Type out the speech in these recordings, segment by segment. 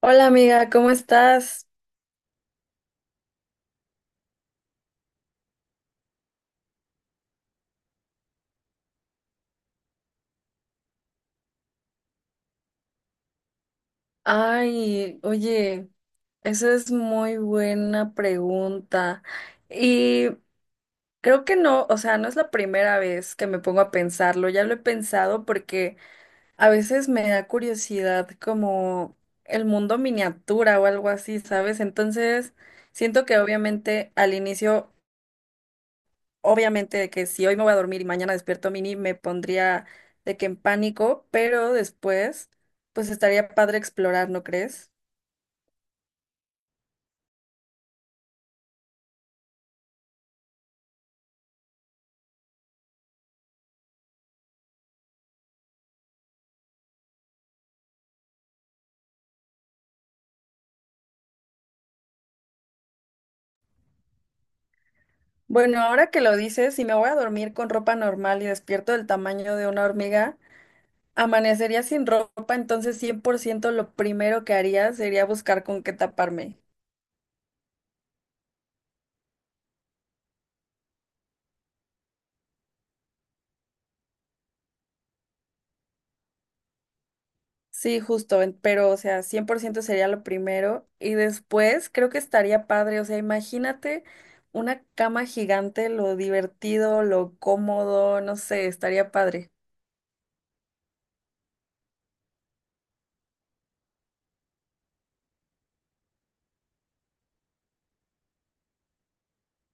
Hola amiga, ¿cómo estás? Ay, oye, esa es muy buena pregunta. Y creo que no, o sea, no es la primera vez que me pongo a pensarlo, ya lo he pensado porque a veces me da curiosidad como el mundo miniatura o algo así, ¿sabes? Entonces, siento que obviamente al inicio obviamente de que si hoy me voy a dormir y mañana despierto mini, me pondría de que en pánico, pero después, pues estaría padre explorar, ¿no crees? Bueno, ahora que lo dices, si me voy a dormir con ropa normal y despierto del tamaño de una hormiga, amanecería sin ropa, entonces 100% lo primero que haría sería buscar con qué taparme. Sí, justo, pero o sea, 100% sería lo primero y después creo que estaría padre, o sea, imagínate una cama gigante, lo divertido, lo cómodo, no sé, estaría padre.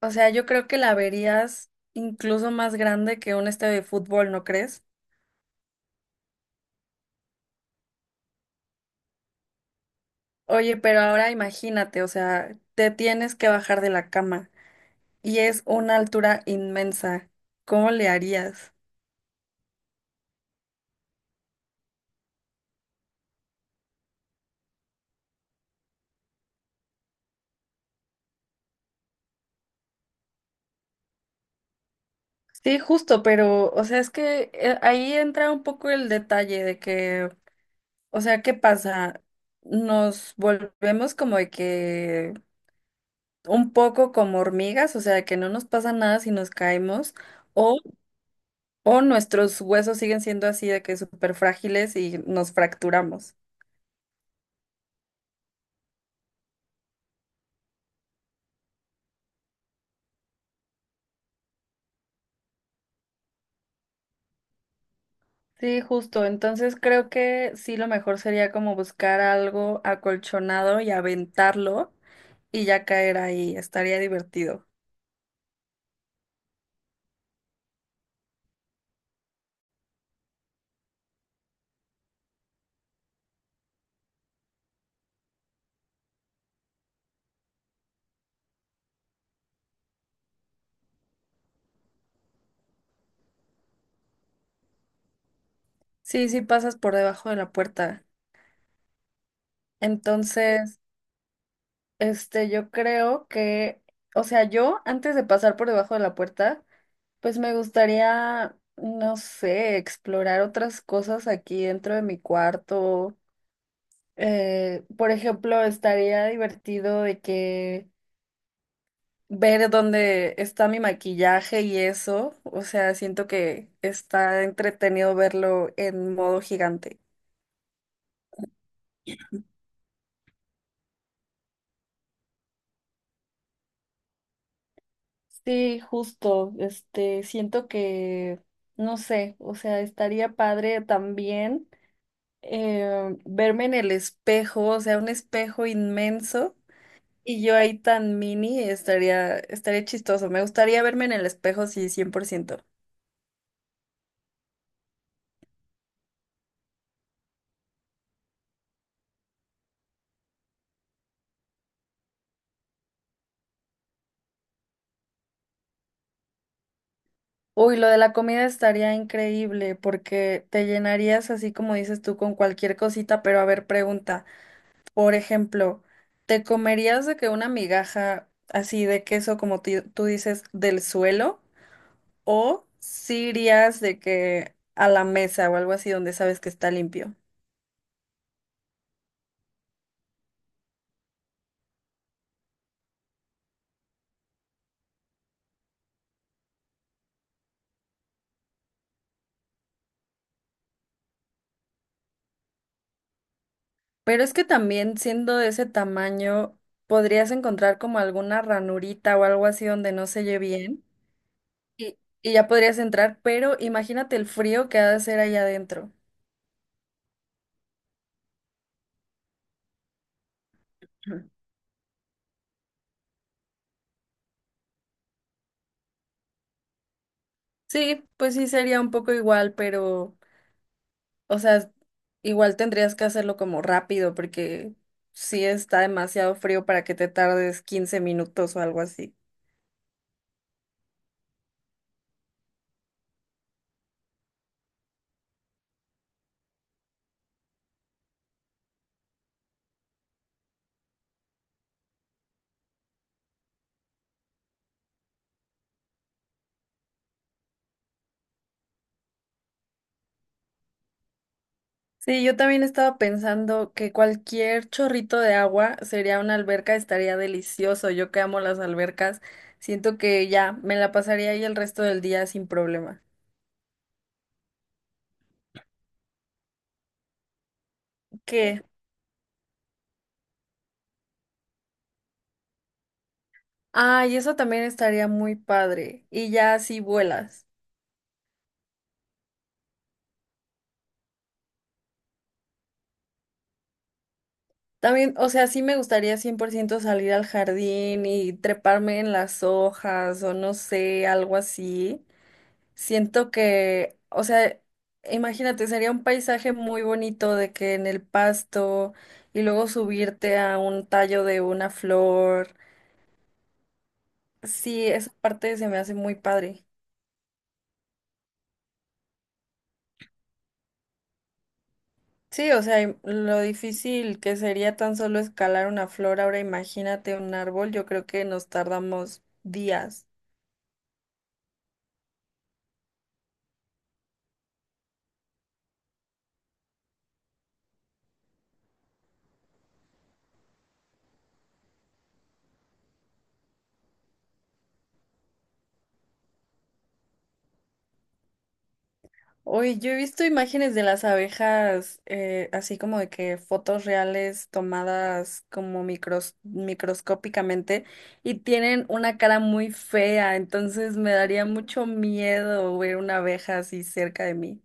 O sea, yo creo que la verías incluso más grande que un estadio de fútbol, ¿no crees? Oye, pero ahora imagínate, o sea, te tienes que bajar de la cama y es una altura inmensa. ¿Cómo le harías? Sí, justo, pero, o sea, es que ahí entra un poco el detalle de que, o sea, ¿qué pasa? Nos volvemos como de que un poco como hormigas, o sea, que no nos pasa nada si nos caemos, o, o nuestros huesos siguen siendo así de que súper frágiles y nos fracturamos. Sí, justo. Entonces creo que sí lo mejor sería como buscar algo acolchonado y aventarlo y ya caer ahí. Estaría divertido. Sí, sí pasas por debajo de la puerta. Entonces, este, yo creo que, o sea, yo antes de pasar por debajo de la puerta, pues me gustaría, no sé, explorar otras cosas aquí dentro de mi cuarto. Por ejemplo, estaría divertido de que ver dónde está mi maquillaje y eso. O sea, siento que está entretenido verlo en modo gigante. Sí, justo, este, siento que, no sé, o sea, estaría padre también verme en el espejo, o sea, un espejo inmenso y yo ahí tan mini, estaría, estaría chistoso, me gustaría verme en el espejo, sí, 100%. Uy, lo de la comida estaría increíble porque te llenarías así como dices tú con cualquier cosita, pero a ver, pregunta. Por ejemplo, ¿te comerías de que una migaja así de queso, como tú dices, del suelo? ¿O si irías de que a la mesa o algo así donde sabes que está limpio? Pero es que también siendo de ese tamaño, podrías encontrar como alguna ranurita o algo así donde no se oye bien y, y ya podrías entrar, pero imagínate el frío que ha de hacer allá adentro. Ujú. Sí, pues sí sería un poco igual, pero... O sea, igual tendrías que hacerlo como rápido porque sí está demasiado frío para que te tardes 15 minutos o algo así. Sí, yo también estaba pensando que cualquier chorrito de agua sería una alberca, estaría delicioso. Yo que amo las albercas, siento que ya me la pasaría ahí el resto del día sin problema. ¿Qué? Ah, y eso también estaría muy padre. Y ya así vuelas. También, o sea, sí me gustaría 100% salir al jardín y treparme en las hojas o no sé, algo así. Siento que, o sea, imagínate, sería un paisaje muy bonito de que en el pasto y luego subirte a un tallo de una flor. Sí, esa parte se me hace muy padre. Sí, o sea, lo difícil que sería tan solo escalar una flor, ahora imagínate un árbol, yo creo que nos tardamos días. Hoy yo he visto imágenes de las abejas, así como de que fotos reales tomadas como microscópicamente y tienen una cara muy fea, entonces me daría mucho miedo ver una abeja así cerca de mí.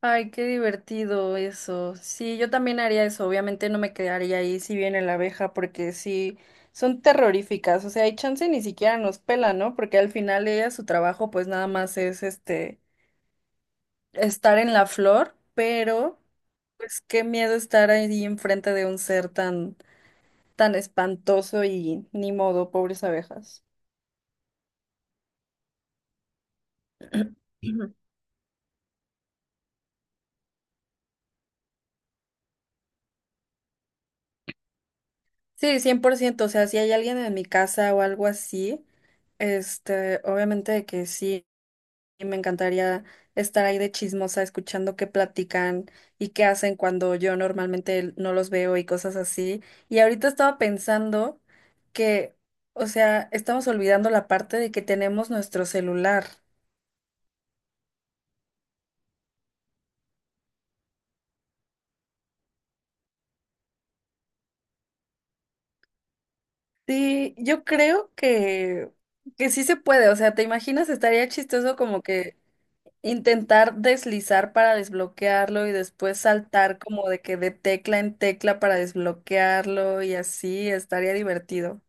Ay, qué divertido eso. Sí, yo también haría eso. Obviamente no me quedaría ahí si viene la abeja, porque sí, son terroríficas. O sea, hay chance ni siquiera nos pelan, ¿no? Porque al final ella, su trabajo, pues nada más es este, estar en la flor, pero pues qué miedo estar ahí enfrente de un ser tan, tan espantoso y ni modo, pobres abejas. Sí, 100%. O sea, si hay alguien en mi casa o algo así, este, obviamente que sí. Y me encantaría estar ahí de chismosa escuchando qué platican y qué hacen cuando yo normalmente no los veo y cosas así. Y ahorita estaba pensando que, o sea, estamos olvidando la parte de que tenemos nuestro celular. Sí, yo creo que sí se puede, o sea, ¿te imaginas? Estaría chistoso como que intentar deslizar para desbloquearlo y después saltar como de que de tecla en tecla para desbloquearlo y así, estaría divertido.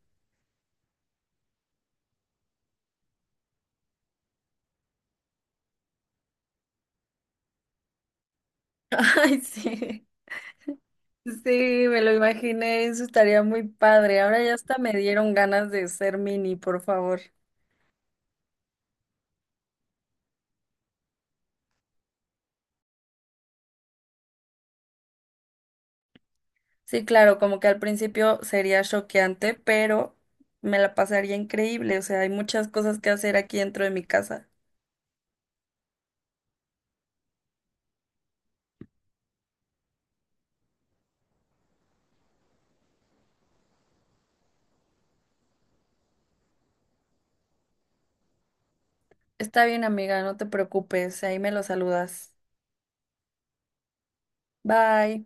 Ay, sí. Sí, me lo imaginé, eso estaría muy padre. Ahora ya hasta me dieron ganas de ser mini, por favor. Sí, claro, como que al principio sería choqueante, pero me la pasaría increíble. O sea, hay muchas cosas que hacer aquí dentro de mi casa. Está bien, amiga, no te preocupes, ahí me lo saludas. Bye.